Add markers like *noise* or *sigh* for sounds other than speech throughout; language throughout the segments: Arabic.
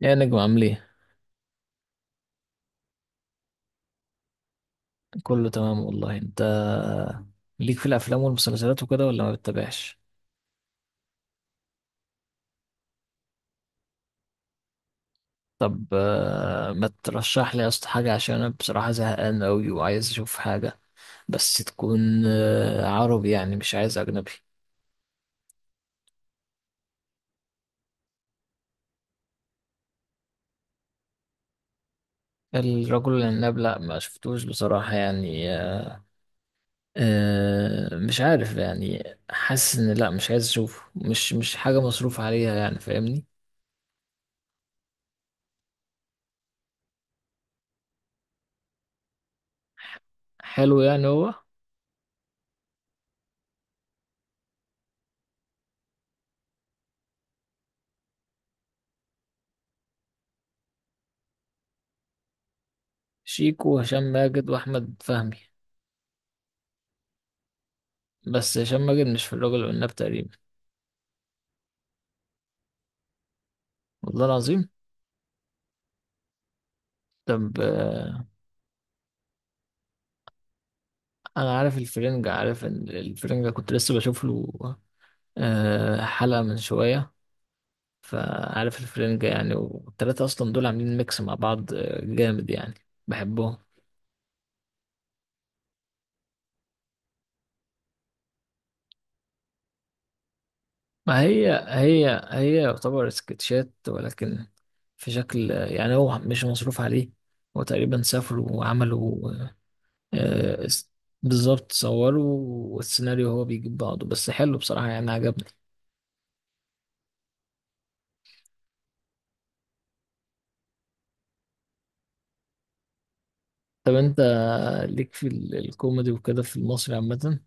يا نجم عامل ايه؟ كله تمام والله. انت ليك في الافلام والمسلسلات وكده ولا ما بتتابعش؟ طب آه، ما ترشح لي يا اسطى حاجه، عشان انا بصراحه زهقان قوي وعايز اشوف حاجه، بس تكون عربي، يعني مش عايز اجنبي. الرجل العناب؟ لا ما شفتوش بصراحه يعني. مش عارف يعني. حاسس ان لا، مش عايز اشوفه، مش حاجه مصروف عليها يعني، فاهمني؟ حلو يعني هو. شيكو وهشام ماجد واحمد فهمي. بس هشام ماجد مش في الرجل والناب تقريبا. والله العظيم. طب آه، انا عارف الفرنجة، عارف ان الفرنجة كنت لسه بشوف له حلقة من شوية. فعارف الفرنجة يعني، والتلاتة اصلا دول عاملين ميكس مع بعض جامد يعني. بحبهم. ما هي يعتبر سكتشات، ولكن في شكل، يعني هو مش مصروف عليه. هو تقريبا سافروا وعملوا، آه، بالظبط صوروا، والسيناريو هو بيجيب بعضه، بس حلو بصراحة يعني، عجبني. طب انت ليك في الكوميدي وكده في المصري عامة؟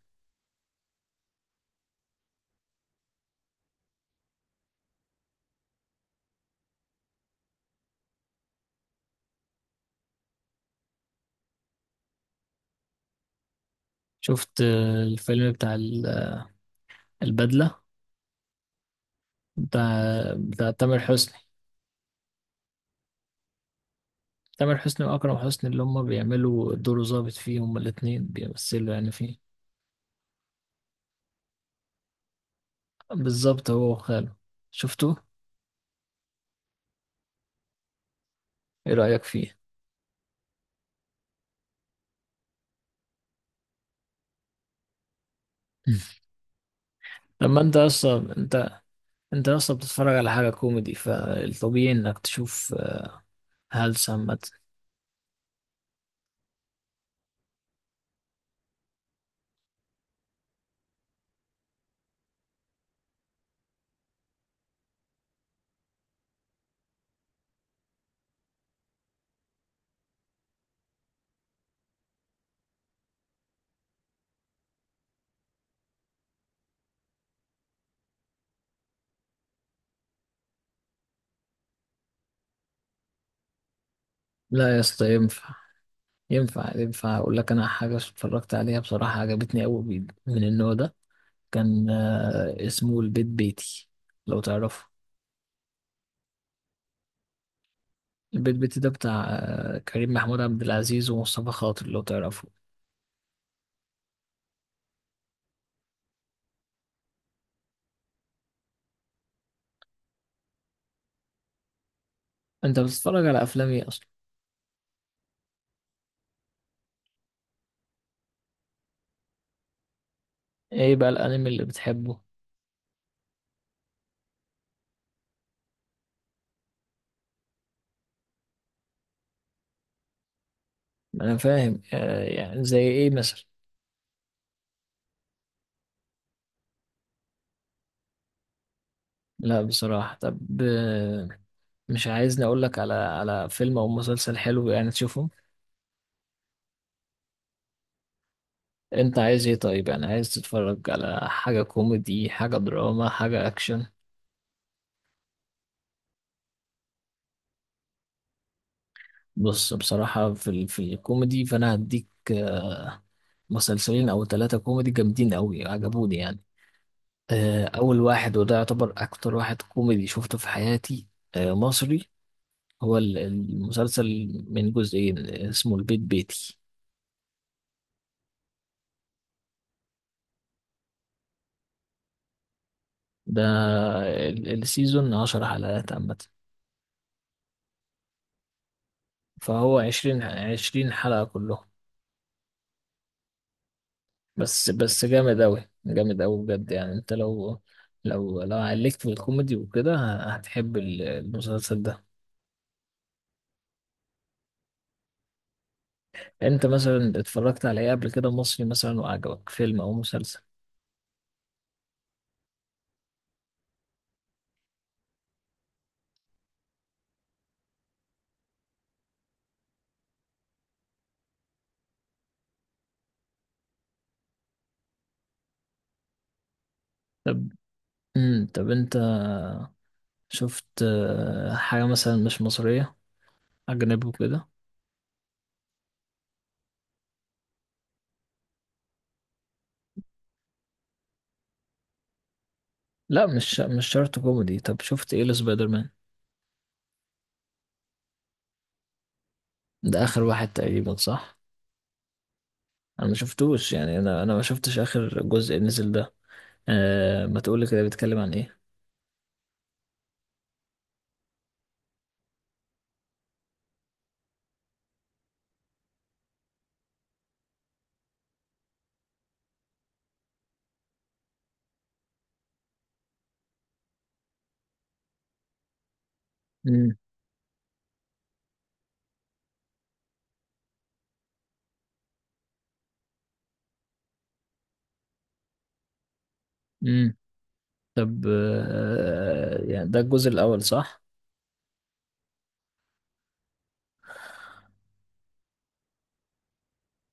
شفت الفيلم بتاع البدلة؟ بتاع بتاع تامر حسني. تامر حسني وأكرم حسني، اللي هما بيعملوا دور ظابط فيه، هما الاتنين بيمثلوا يعني فيه. بالظبط، هو وخاله. شفته؟ ايه رأيك فيه؟ *laughs* مم. لما انت اصلا انت، انت اصلا بتتفرج على حاجة كوميدي، فالطبيعي انك تشوف هلس عامة. لا يا اسطى، ينفع ينفع. اقول لك انا حاجة اتفرجت عليها بصراحة عجبتني قوي من النوع ده، كان اسمه البيت بيتي، لو تعرفه. البيت بيتي ده بتاع كريم محمود عبد العزيز ومصطفى خاطر، لو تعرفه. انت بتتفرج على افلام ايه اصلا؟ ايه بقى الانمي اللي بتحبه؟ انا فاهم، يعني زي ايه مثلا؟ لا بصراحة. طب آه، مش عايزني اقول لك على على فيلم او مسلسل حلو يعني تشوفه؟ انت عايز ايه طيب؟ يعني عايز تتفرج على حاجة كوميدي، حاجة دراما، حاجة اكشن؟ بص، بصراحة في في الكوميدي، فانا هديك مسلسلين او ثلاثة كوميدي جامدين قوي عجبوني يعني. اول واحد، وده يعتبر اكتر واحد كوميدي شفته في حياتي، مصري، هو المسلسل من جزئين، اسمه البيت بيتي. ده السيزون عشر حلقات عامة، فهو عشرين، عشرين حلقة كلهم. بس بس جامد أوي، جامد أوي، بجد يعني. أنت لو، لو عليك في الكوميدي وكده، هتحب المسلسل ده. أنت مثلا اتفرجت على إيه قبل كده مصري مثلا وعجبك فيلم أو مسلسل؟ طب، طب انت شفت حاجة مثلا مش مصرية، أجنبي وكده؟ لا، مش مش شرط كوميدي. طب شفت ايه لسبايدر مان؟ ده آخر واحد تقريبا، صح؟ أنا ما شفتوش يعني، أنا ما شفتش آخر جزء نزل ده. أه، ما تقولي كده، بيتكلم عن ايه؟ امم. امم، طب يعني ده الجزء الأول صح؟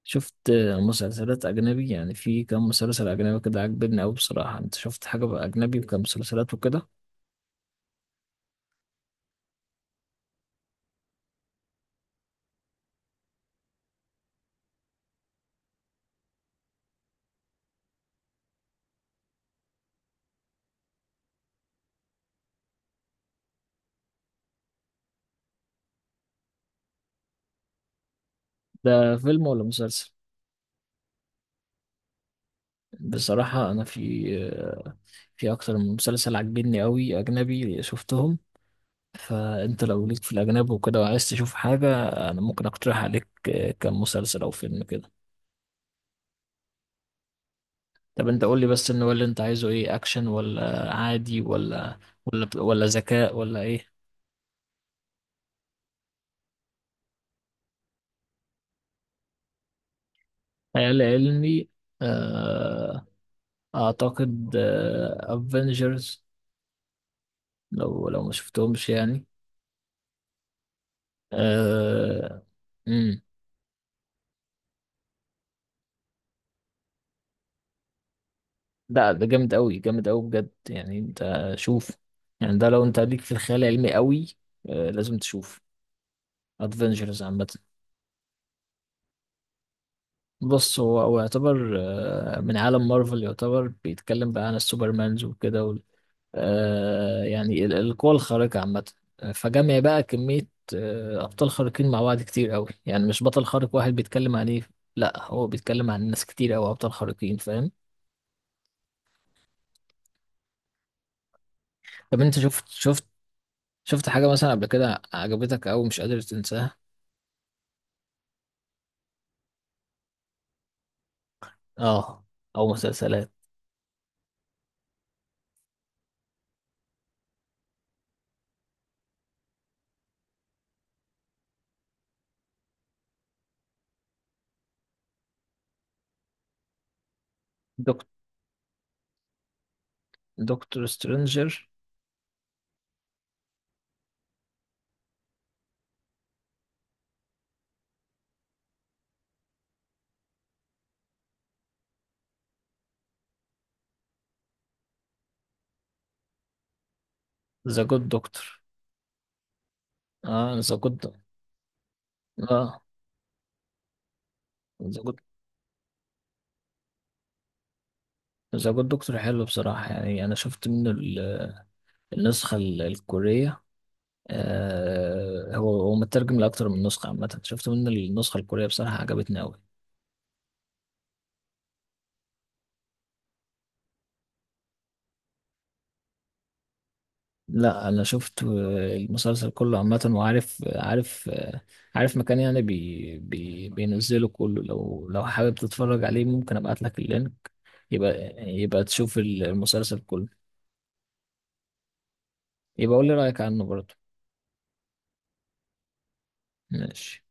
شفت مسلسلات أجنبي؟ يعني في كام مسلسل أجنبي كده عجبني أوي بصراحة. أنت شفت حاجة بقى أجنبي وكام مسلسلات وكده؟ ده فيلم ولا مسلسل؟ بصراحة أنا في، في أكتر من مسلسل عجبني أوي أجنبي شفتهم. فأنت لو ليك في الأجنبي وكده وعايز تشوف حاجة، أنا ممكن أقترح عليك كم مسلسل أو فيلم كده. طب أنت قول لي بس إن هو اللي أنت عايزه إيه، أكشن ولا عادي ولا ذكاء ولا إيه؟ خيال علمي. آه، أعتقد أفنجرز، لو لو ما شفتهمش يعني. آه، ده جامد قوي، جامد قوي بجد يعني. انت شوف، يعني ده لو انت ليك في الخيال العلمي قوي، لازم تشوف ادفنجرز عامه. بص، هو هو يعتبر من عالم مارفل، يعتبر بيتكلم بقى عن السوبرمانز وكده وال- آه، يعني القوى الخارقه عامه. فجمع بقى كميه ابطال خارقين مع بعض كتير قوي، يعني مش بطل خارق واحد بيتكلم عن ايه، لا هو بيتكلم عن ناس كتير قوي ابطال خارقين، فاهم؟ طب انت شفت، شفت حاجه مثلا قبل كده عجبتك او مش قادر تنساها؟ اه، او مسلسلات. دكتور، دكتور سترينجر؟ ذا جود دكتور؟ اه ذا جود، اه ذا جود. ذا جود دكتور حلو بصراحة يعني. انا شفت منه النسخة الكورية. آه، هو هو مترجم لأكتر من نسخة عامة. شفت منه النسخة الكورية بصراحة عجبتني أوي. لا انا شفت المسلسل كله عامة، وعارف، عارف عارف مكان يعني بي بينزله كله، لو لو حابب تتفرج عليه ممكن ابعت لك اللينك. يبقى، يبقى تشوف المسلسل كله. يبقى قول لي رأيك عنه برضه. ماشي.